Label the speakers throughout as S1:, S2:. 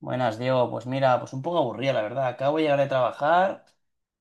S1: Buenas, Diego. Pues mira, pues un poco aburrida, la verdad. Acabo de llegar de trabajar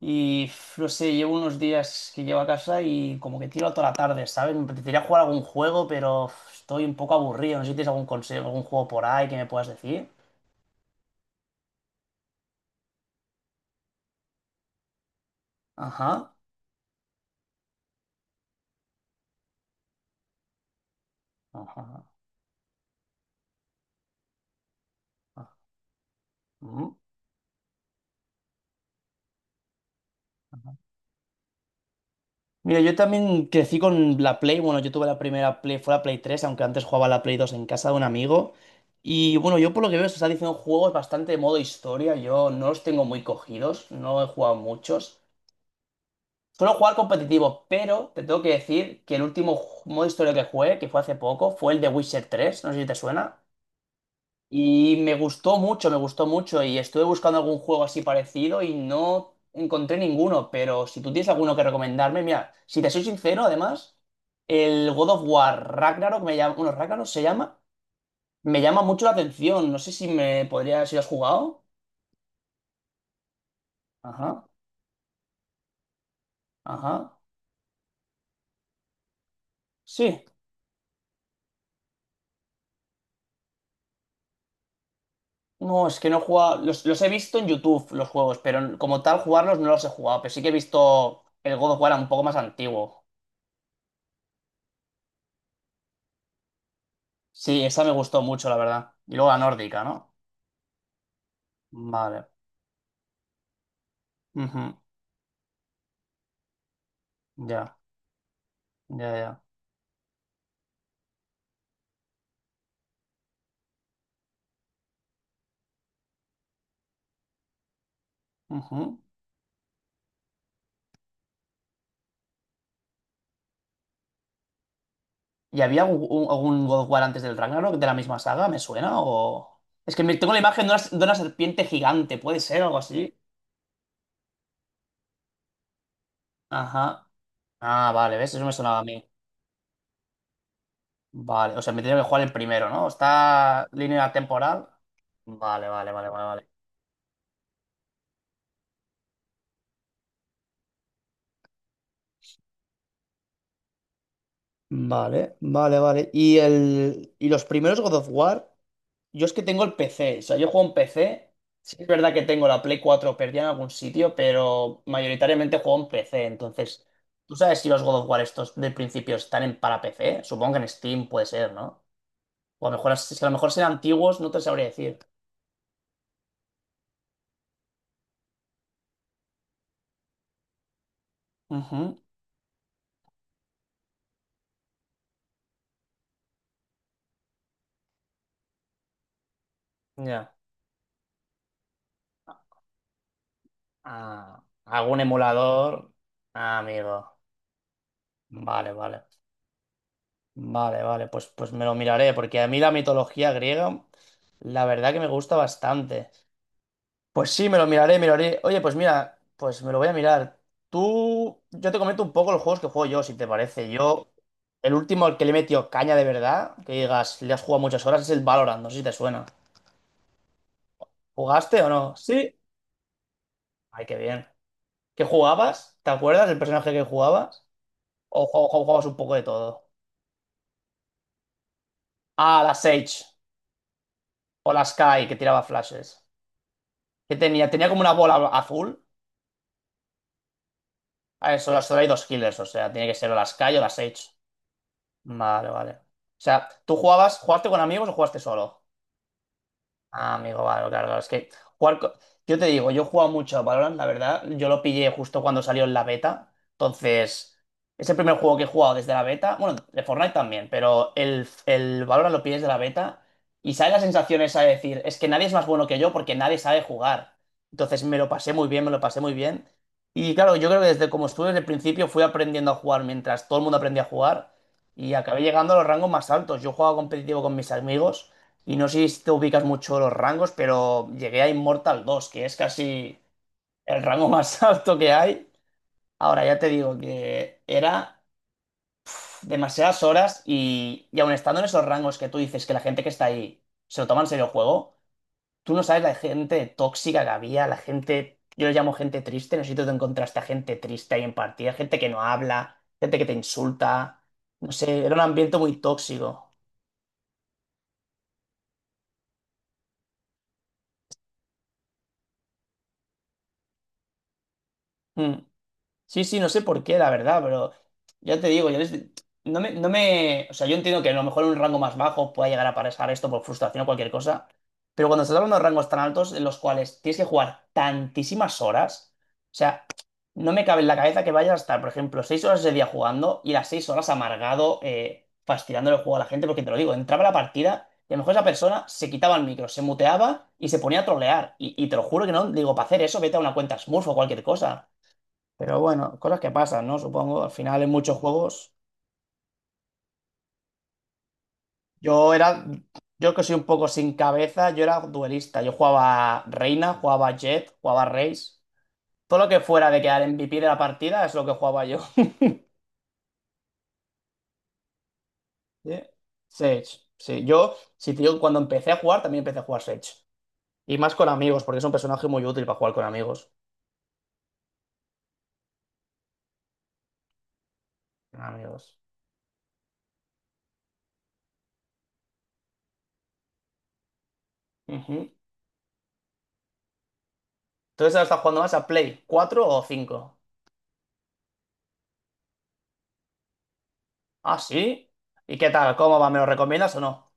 S1: y no sé, llevo unos días que llevo a casa y como que tiro toda la tarde, ¿sabes? Me apetecería jugar algún juego, pero estoy un poco aburrido. No sé si tienes algún consejo, algún juego por ahí que me puedas decir. Ajá. Ajá, ajá, ujú. Mira, yo también crecí con la Play. Bueno, yo tuve la primera Play, fue la Play 3, aunque antes jugaba la Play 2 en casa de un amigo. Y bueno, yo por lo que veo, se está diciendo juegos bastante de modo historia. Yo no los tengo muy cogidos, no he jugado muchos. Suelo jugar competitivo, pero te tengo que decir que el último modo historia que jugué, que fue hace poco, fue el de Witcher 3. No sé si te suena. Y me gustó mucho, me gustó mucho. Y estuve buscando algún juego así parecido y no encontré ninguno. Pero si tú tienes alguno que recomendarme, mira, si te soy sincero, además, el God of War Ragnarok me llama, bueno, Ragnarok se llama, me llama mucho la atención. No sé si me podría, si lo has jugado. Ajá, ajá. Sí. No, es que no he jugado. Los he visto en YouTube, los juegos, pero como tal, jugarlos no los he jugado. Pero sí que he visto el God of War un poco más antiguo. Sí, esa me gustó mucho, la verdad. Y luego la nórdica, ¿no? Vale. Ujú. Ya, ya, ya. Ujú. ¿Y había algún God of War antes del Ragnarok de la misma saga? ¿Me suena? Es que tengo la imagen de una serpiente gigante, ¿puede ser algo así? Ajá. Ah, vale, ¿ves? Eso me sonaba a mí. Vale, o sea, me tenía que jugar el primero, ¿no? ¿Está línea temporal? Vale, vale, vale, vale, vale. Vale, vale, vale. ¿Y los primeros God of War? Yo es que tengo el PC, o sea, yo juego en PC. Sí es verdad que tengo la Play 4 perdida en algún sitio, pero mayoritariamente juego en PC. Entonces, ¿tú sabes si los God of War estos del principio están en para PC? Supongo que en Steam puede ser, ¿no? O a lo mejor, si a lo mejor serán antiguos, no te sabría decir. Ujú, ya. Ah, ¿algún emulador? Ah, amigo. Vale, vale. Vale, vale. Pues, pues me lo miraré, porque a mí la mitología griega, la verdad que me gusta bastante. Pues sí, me lo miraré, miraré. Oye, pues mira, pues me lo voy a mirar. Tú, yo te comento un poco los juegos que juego yo, si te parece. Yo, el último al que le he metido caña de verdad, que digas, le has jugado muchas horas, es el Valorant, no sé si te suena. ¿Jugaste o no? Sí. Ay, qué bien. ¿Qué jugabas? ¿Te acuerdas del personaje que jugabas? ¿O jugabas un poco de todo? Ah, la Sage. O la Sky, que tiraba flashes. ¿Qué tenía? Tenía como una bola azul. A eso, solo hay dos killers, o sea, tiene que ser o la Sky o la Sage. Vale, vale. O sea, ¿tú jugabas, jugaste con amigos o jugaste solo? Ah, amigo, vale, claro, claro. Es que jugar. Yo te digo, yo he jugado mucho a Valorant, la verdad. Yo lo pillé justo cuando salió en la beta. Entonces, es el primer juego que he jugado desde la beta. Bueno, de Fortnite también, pero el Valorant lo pillé desde la beta. Y sale la sensación esa de decir, es que nadie es más bueno que yo porque nadie sabe jugar. Entonces me lo pasé muy bien, me lo pasé muy bien. Y claro, yo creo que desde como estuve desde el principio fui aprendiendo a jugar mientras todo el mundo aprendía a jugar. Y acabé llegando a los rangos más altos. Yo jugaba competitivo con mis amigos. Y no sé si te ubicas mucho los rangos, pero llegué a Immortal 2, que es casi el rango más alto que hay. Ahora ya te digo que era demasiadas horas y aun estando en esos rangos que tú dices que la gente que está ahí se lo toma en serio el juego, tú no sabes la gente tóxica que había, la gente, yo le llamo gente triste, no sé si tú te encontraste a gente triste ahí en partida, gente que no habla, gente que te insulta, no sé, era un ambiente muy tóxico. Mm. Sí, sí, no sé por qué, la verdad, pero ya te digo, yo no me, no me, o sea, yo entiendo que a lo mejor en un rango más bajo pueda llegar a pasar esto por frustración o cualquier cosa, pero cuando estás hablando de rangos tan altos en los cuales tienes que jugar tantísimas horas, o sea, no me cabe en la cabeza que vayas a estar, por ejemplo, 6 horas ese día jugando y las 6 horas amargado, fastidiándole el juego a la gente, porque te lo digo, entraba la partida y a lo mejor esa persona se quitaba el micro, se muteaba y se ponía a trolear, y te lo juro que no, digo, para hacer eso vete a una cuenta Smurf o cualquier cosa. Pero bueno, cosas que pasan, ¿no? Supongo, al final en muchos juegos. Yo era, yo que soy un poco sin cabeza, yo era duelista. Yo jugaba Reina, jugaba Jet, jugaba Raze. Todo lo que fuera de quedar MVP de la partida es lo que jugaba yo. Sí. Sage, sí. Yo, sí, tío, cuando empecé a jugar también empecé a jugar Sage. Y más con amigos, porque es un personaje muy útil para jugar con amigos. Con amigos. Ujú. Entonces ahora estás jugando más a Play, ¿cuatro o cinco? Ah, sí. ¿Y qué tal? ¿Cómo va? ¿Me lo recomiendas o no?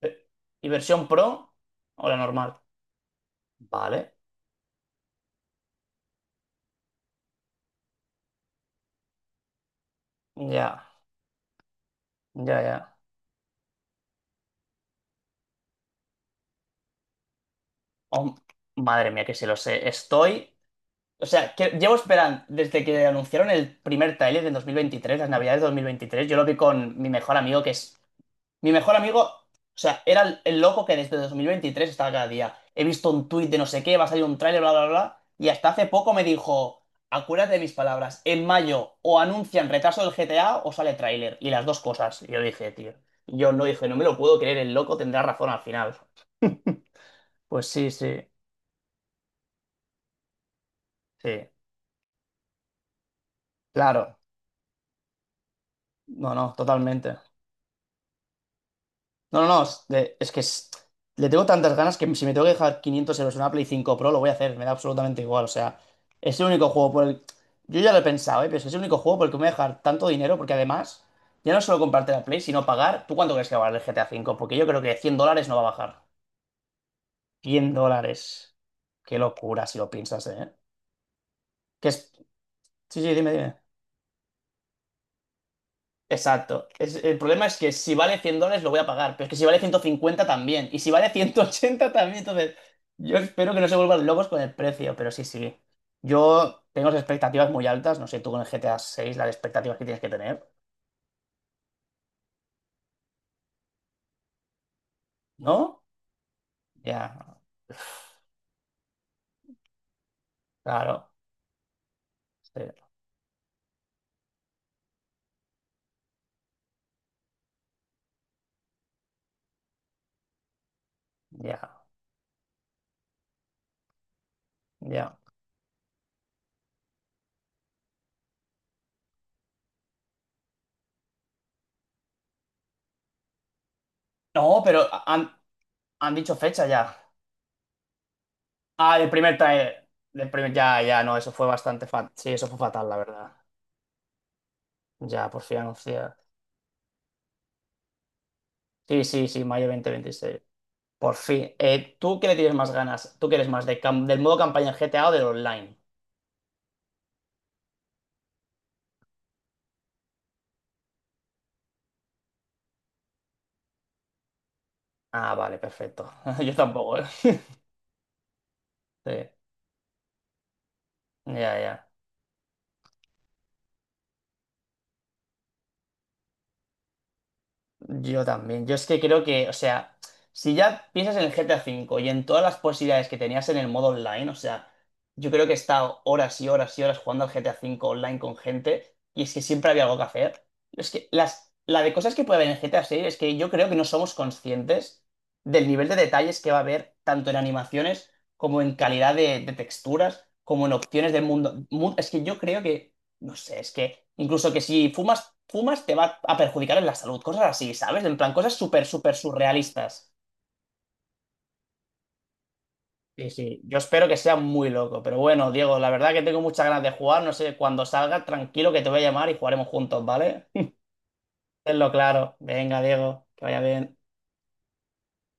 S1: Eh, ¿y versión Pro o la normal? Vale, ya, ya, ya. Oh, madre mía, que si lo sé. Estoy. O sea, que llevo esperando desde que anunciaron el primer tráiler en 2023, las navidades de 2023. Yo lo vi con mi mejor amigo, que es mi mejor amigo, o sea, era el loco que desde 2023 estaba cada día. He visto un tuit de no sé qué, va a salir un tráiler, bla, bla, bla. Y hasta hace poco me dijo, acuérdate de mis palabras, en mayo o anuncian retraso del GTA o sale tráiler. Y las dos cosas. Y yo dije, tío, yo no dije, no me lo puedo creer, el loco tendrá razón al final. Pues sí, sí, sí, claro. No, no, totalmente. No, no, no, es que le tengo tantas ganas que si me tengo que dejar 500 euros en una Play 5 Pro, lo voy a hacer, me da absolutamente igual, o sea, es el único juego por el... Yo ya lo he pensado, ¿eh? Pero es que es el único juego por el que me voy a dejar tanto dinero, porque además, ya no es solo comprarte la Play, sino pagar... ¿Tú cuánto crees que va a valer el GTA 5? Porque yo creo que $100 no va a bajar. $100. Qué locura si lo piensas, ¿eh? Que es... Sí, sí, dime, dime. Exacto. El problema es que si vale $100 lo voy a pagar, pero es que si vale 150 también, y si vale 180 también, entonces yo espero que no se vuelvan locos con el precio, pero sí, sí. Yo tengo las expectativas muy altas, no sé tú con el GTA seis las expectativas que tienes que tener, ¿no? Ya, claro, sí, ya, ya. No, pero han dicho fecha ya. Ah, el primer trailer. El primer, ya, ya, no, eso fue bastante fatal. Sí, eso fue fatal, la verdad. Ya, por fin anunciar. Sí, sí, sí, mayo 2026. Por fin. ¿Tú qué le tienes más ganas? ¿Tú quieres más de del modo campaña en GTA o del online? Ah, vale, perfecto. Yo tampoco, ¿eh? Sí, ya, ya. Yo también. Yo es que creo que, o sea, si ya piensas en el GTA 5 y en todas las posibilidades que tenías en el modo online, o sea, yo creo que he estado horas y horas y horas jugando al GTA 5 online con gente y es que siempre había algo que hacer. Es que las, la de cosas que puede haber en el GTA 6 es que yo creo que no somos conscientes del nivel de detalles que va a haber tanto en animaciones como en calidad de texturas, como en opciones del mundo. Es que yo creo que no sé, es que incluso que si fumas, fumas te va a perjudicar en la salud, cosas así, ¿sabes? En plan, cosas súper, súper surrealistas. Sí, sí, yo espero que sea muy loco, pero bueno, Diego, la verdad que tengo muchas ganas de jugar, no sé, cuando salga, tranquilo que te voy a llamar y jugaremos juntos, ¿vale? Tenlo claro. Venga, Diego, que vaya bien.